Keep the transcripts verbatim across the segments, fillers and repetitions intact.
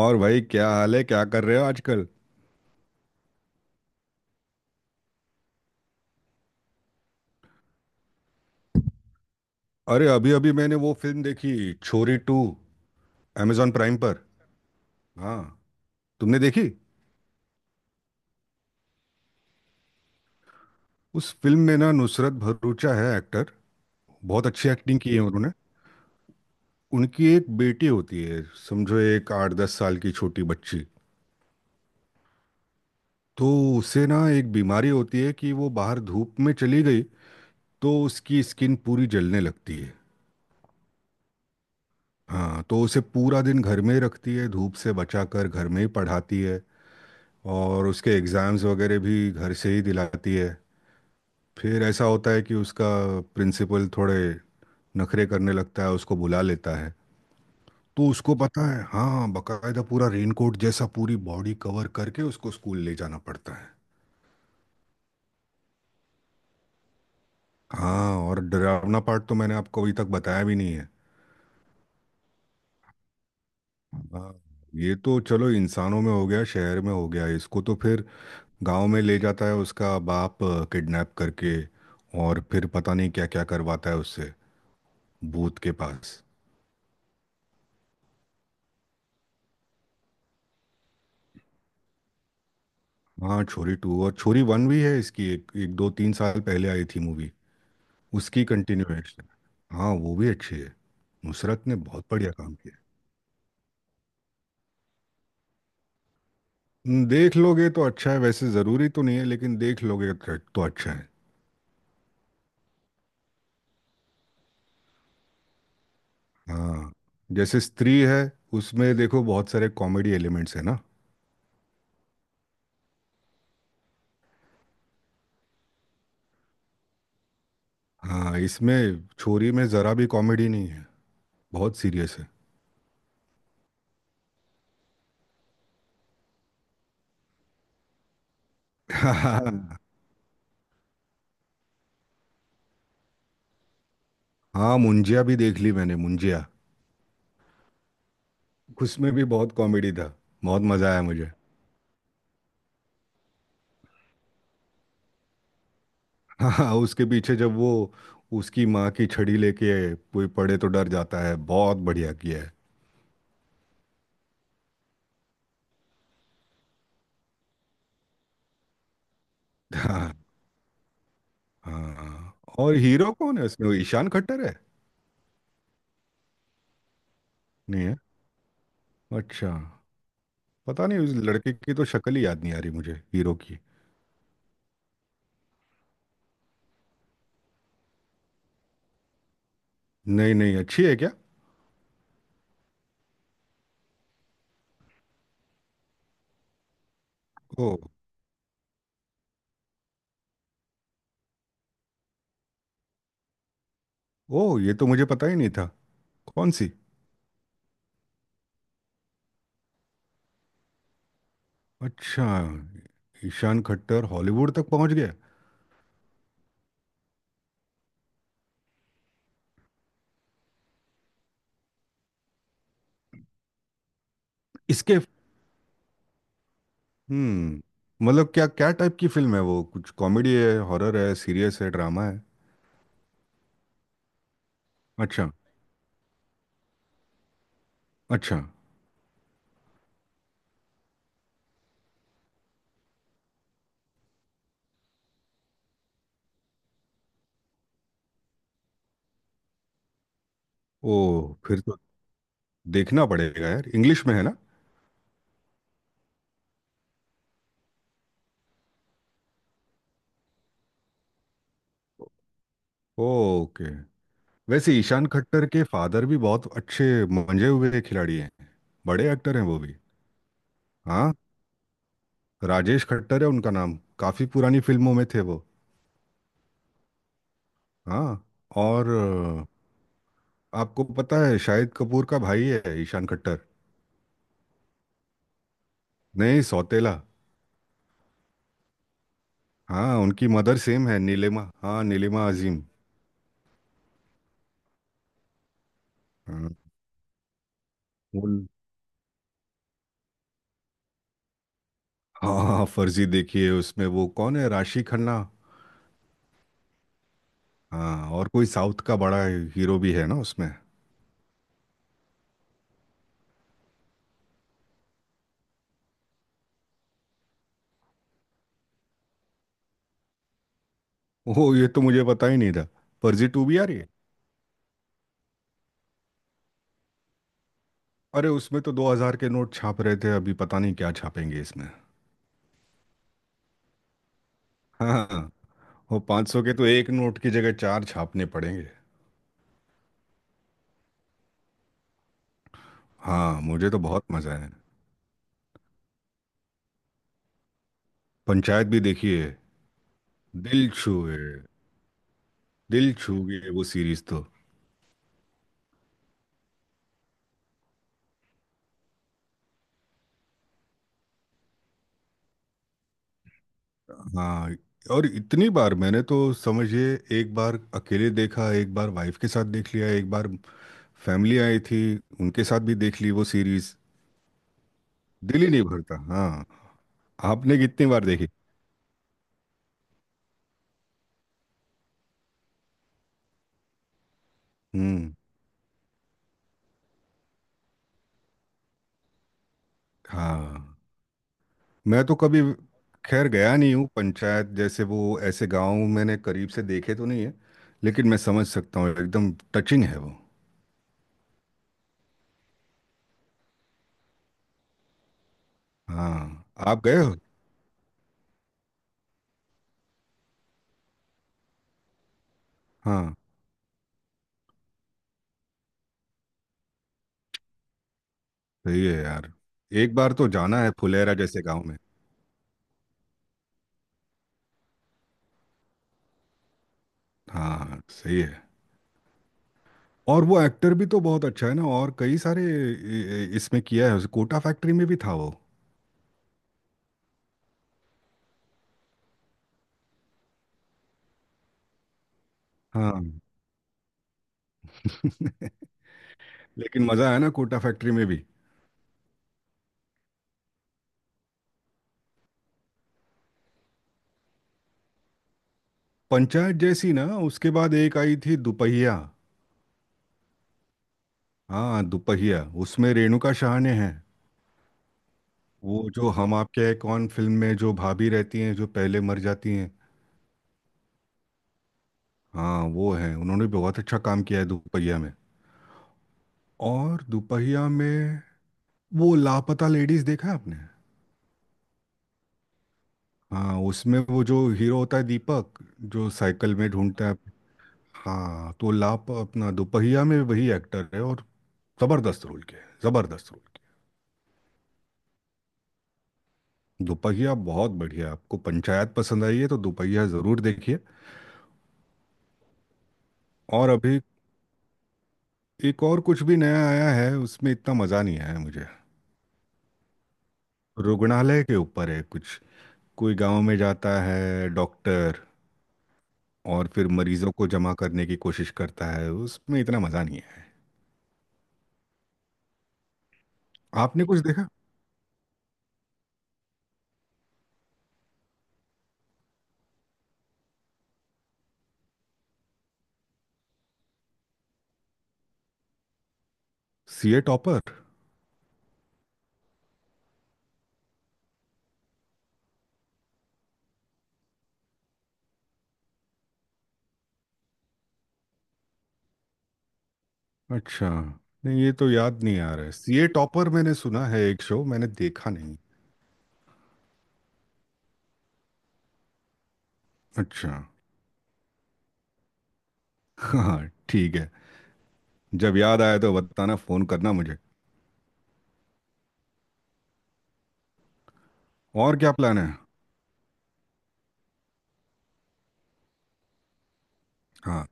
और भाई, क्या हाल है? क्या कर रहे हो आजकल? अरे, अभी अभी मैंने वो फिल्म देखी, छोरी टू amazon प्राइम पर। हाँ, तुमने देखी? उस फिल्म में ना नुसरत भरूचा है एक्टर। बहुत अच्छी एक्टिंग की है उन्होंने। उनकी एक बेटी होती है। समझो, एक आठ दस साल की छोटी बच्ची। तो उसे ना एक बीमारी होती है कि वो बाहर धूप में चली गई तो उसकी स्किन पूरी जलने लगती है। हाँ, तो उसे पूरा दिन घर में ही रखती है, धूप से बचाकर घर में ही पढ़ाती है। और उसके एग्ज़ाम्स वगैरह भी घर से ही दिलाती है। फिर ऐसा होता है कि उसका प्रिंसिपल थोड़े नखरे करने लगता है, उसको बुला लेता है। तो उसको पता है हाँ, बकायदा पूरा रेनकोट जैसा पूरी बॉडी कवर करके उसको स्कूल ले जाना पड़ता है। हाँ, और डरावना पार्ट तो मैंने आपको अभी तक बताया भी नहीं है। हाँ। ये तो चलो इंसानों में हो गया शहर में हो गया, इसको तो फिर गांव में ले जाता है उसका बाप, किडनैप करके। और फिर पता नहीं क्या क्या करवाता है उससे, भूत के पास। हाँ, छोरी टू और छोरी वन भी है इसकी, एक एक दो तीन साल पहले आई थी मूवी। उसकी कंटिन्यूएशन। हाँ, वो भी अच्छी है। नुसरत ने बहुत बढ़िया काम किया। न, देख लोगे तो अच्छा है वैसे, ज़रूरी तो नहीं है लेकिन देख लोगे तो तो अच्छा है। हाँ। जैसे स्त्री है, उसमें देखो बहुत सारे कॉमेडी एलिमेंट्स है ना। हाँ, इसमें छोरी में ज़रा भी कॉमेडी नहीं है, बहुत सीरियस है। हाँ, मुंजिया भी देख ली मैंने, मुंजिया। उसमें भी बहुत कॉमेडी था, बहुत मज़ा आया मुझे। हाँ, उसके पीछे जब वो उसकी माँ की छड़ी लेके कोई पड़े तो डर जाता है, बहुत बढ़िया किया है। हाँ। हाँ हाँ। और हीरो कौन है इसमें, वो ईशान खट्टर है? नहीं है। अच्छा। पता नहीं, उस लड़के की तो शक्ल ही याद नहीं आ रही मुझे, हीरो की। नहीं नहीं, अच्छी है क्या? ओ। ओ, ये तो मुझे पता ही नहीं था। कौन सी? अच्छा। ईशान खट्टर हॉलीवुड तक पहुंच गया। इसके हम्म मतलब क्या क्या टाइप की फिल्म है वो? कुछ कॉमेडी है? हॉरर है? सीरियस है? ड्रामा है? अच्छा। अच्छा। ओ, फिर तो देखना पड़ेगा यार। इंग्लिश में है ना? ओके। वैसे ईशान खट्टर के फादर भी बहुत अच्छे मंजे हुए खिलाड़ी हैं, बड़े एक्टर हैं वो भी। हाँ। राजेश खट्टर है उनका नाम, काफी पुरानी फिल्मों में थे वो। हाँ। और अ, आपको पता है शाहिद कपूर का भाई है ईशान खट्टर? नहीं, सौतेला। हाँ, उनकी मदर सेम है नीलिमा, हाँ, नीलिमा अजीम। हाँ। वो- हाँ, हाँ, फर्जी देखिए, उसमें वो कौन है, राशि खन्ना। हाँ, और कोई साउथ का बड़ा हीरो भी है ना उसमें। ओह, ये तो मुझे पता ही नहीं था। फर्जी टू भी आ रही है। अरे, उसमें तो दो हजार के नोट छाप रहे थे, अभी पता नहीं क्या छापेंगे इसमें। हाँ। वो पाँच सौ के तो एक नोट की जगह चार छापने पड़ेंगे। हाँ, मुझे तो बहुत मजा आया। पंचायत भी देखिए। दिल छूए, दिल छू गए वो सीरीज तो। हाँ, और इतनी बार मैंने तो समझिए, एक बार अकेले देखा, एक बार वाइफ के साथ देख लिया, एक बार फैमिली आई थी उनके साथ भी देख ली वो सीरीज। दिल ही नहीं भरता। हाँ, आपने कितनी बार देखी? हम्म। हाँ, मैं तो कभी खैर गया नहीं हूँ पंचायत जैसे, वो ऐसे गांव मैंने करीब से देखे तो नहीं है, लेकिन मैं समझ सकता हूँ, एकदम टचिंग है वो। हाँ। आप गए हो? हाँ। सही है यार, एक बार तो जाना है फुलेरा जैसे गांव में। हाँ, सही है। और वो एक्टर भी तो बहुत अच्छा है ना, और कई सारे इ- इ- इसमें किया है, उस कोटा फैक्ट्री में भी था वो। हाँ। लेकिन मजा आया ना कोटा फैक्ट्री में भी। पंचायत जैसी ना, उसके बाद एक आई थी दुपहिया। हाँ, दुपहिया। उसमें रेणुका शाह ने है, वो जो हम आपके हैं कौन फिल्म में जो भाभी रहती हैं जो पहले मर जाती हैं। हाँ, वो है, उन्होंने बहुत अच्छा काम किया है दुपहिया में। और दुपहिया में वो, लापता लेडीज देखा है आपने? हाँ, उसमें वो जो हीरो होता है दीपक, जो साइकिल में ढूंढता है। हाँ, तो लाप अपना दुपहिया में वही एक्टर है, और जबरदस्त रोल किया है, जबरदस्त रोल। दोपहिया बहुत बढ़िया, आपको पंचायत पसंद आई है तो दोपहिया ज़रूर देखिए। और अभी एक और कुछ भी नया आया है, उसमें इतना मज़ा नहीं आया मुझे। रुग्णालय के ऊपर है कुछ, कोई गांव में जाता है डॉक्टर और फिर मरीजों को जमा करने की कोशिश करता है, उसमें इतना मज़ा नहीं है। आपने कुछ देखा? CA topper? अच्छा। नहीं, ये तो याद नहीं आ रहा है, सीए टॉपर मैंने सुना है, एक शो, मैंने देखा नहीं। अच्छा। हाँ। ठीक है। जब याद आया तो बताना, फ़ोन करना मुझे। और क्या प्लान है? हाँ,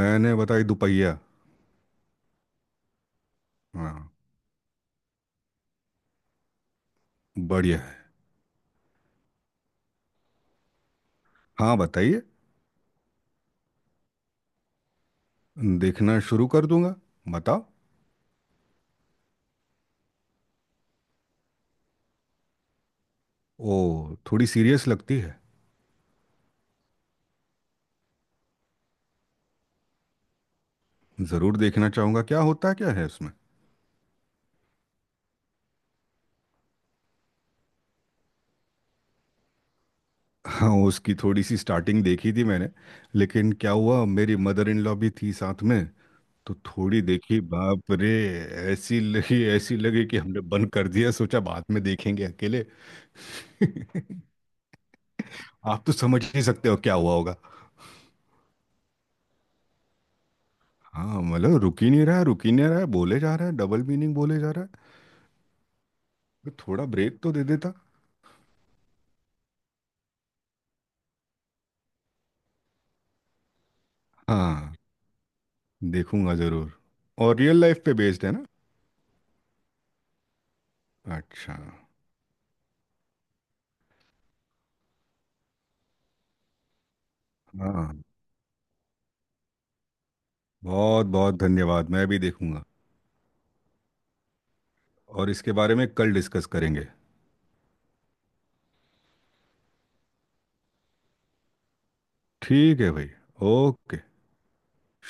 मैंने बताई दुपहिया। हाँ। बढ़िया है। हाँ, बताइए, देखना शुरू कर दूंगा, बताओ। ओ, थोड़ी सीरियस लगती है। ज़रूर देखना चाहूँगा, क्या होता क्या है उसमें? हाँ, उसकी थोड़ी सी स्टार्टिंग देखी थी मैंने, लेकिन क्या हुआ, मेरी मदर इन लॉ भी थी साथ में, तो थोड़ी देखी, बाप रे, ऐसी लगी ऐसी लगी कि हमने बंद कर दिया, सोचा बाद में देखेंगे अकेले। आप तो समझ ही सकते हो क्या हुआ। हाँ, मतलब रुक ही नहीं रहा है, रुक ही नहीं रहा है, बोले जा रहा है, डबल मीनिंग बोले जा रहा है, तो थोड़ा ब्रेक तो दे देता। हाँ, देखूंगा जरूर। और रियल लाइफ पे बेस्ड है ना? अच्छा। हाँ, बहुत बहुत धन्यवाद, मैं भी देखूंगा। और इसके बारे में कल डिस्कस करेंगे। ठीक है भाई। ओके।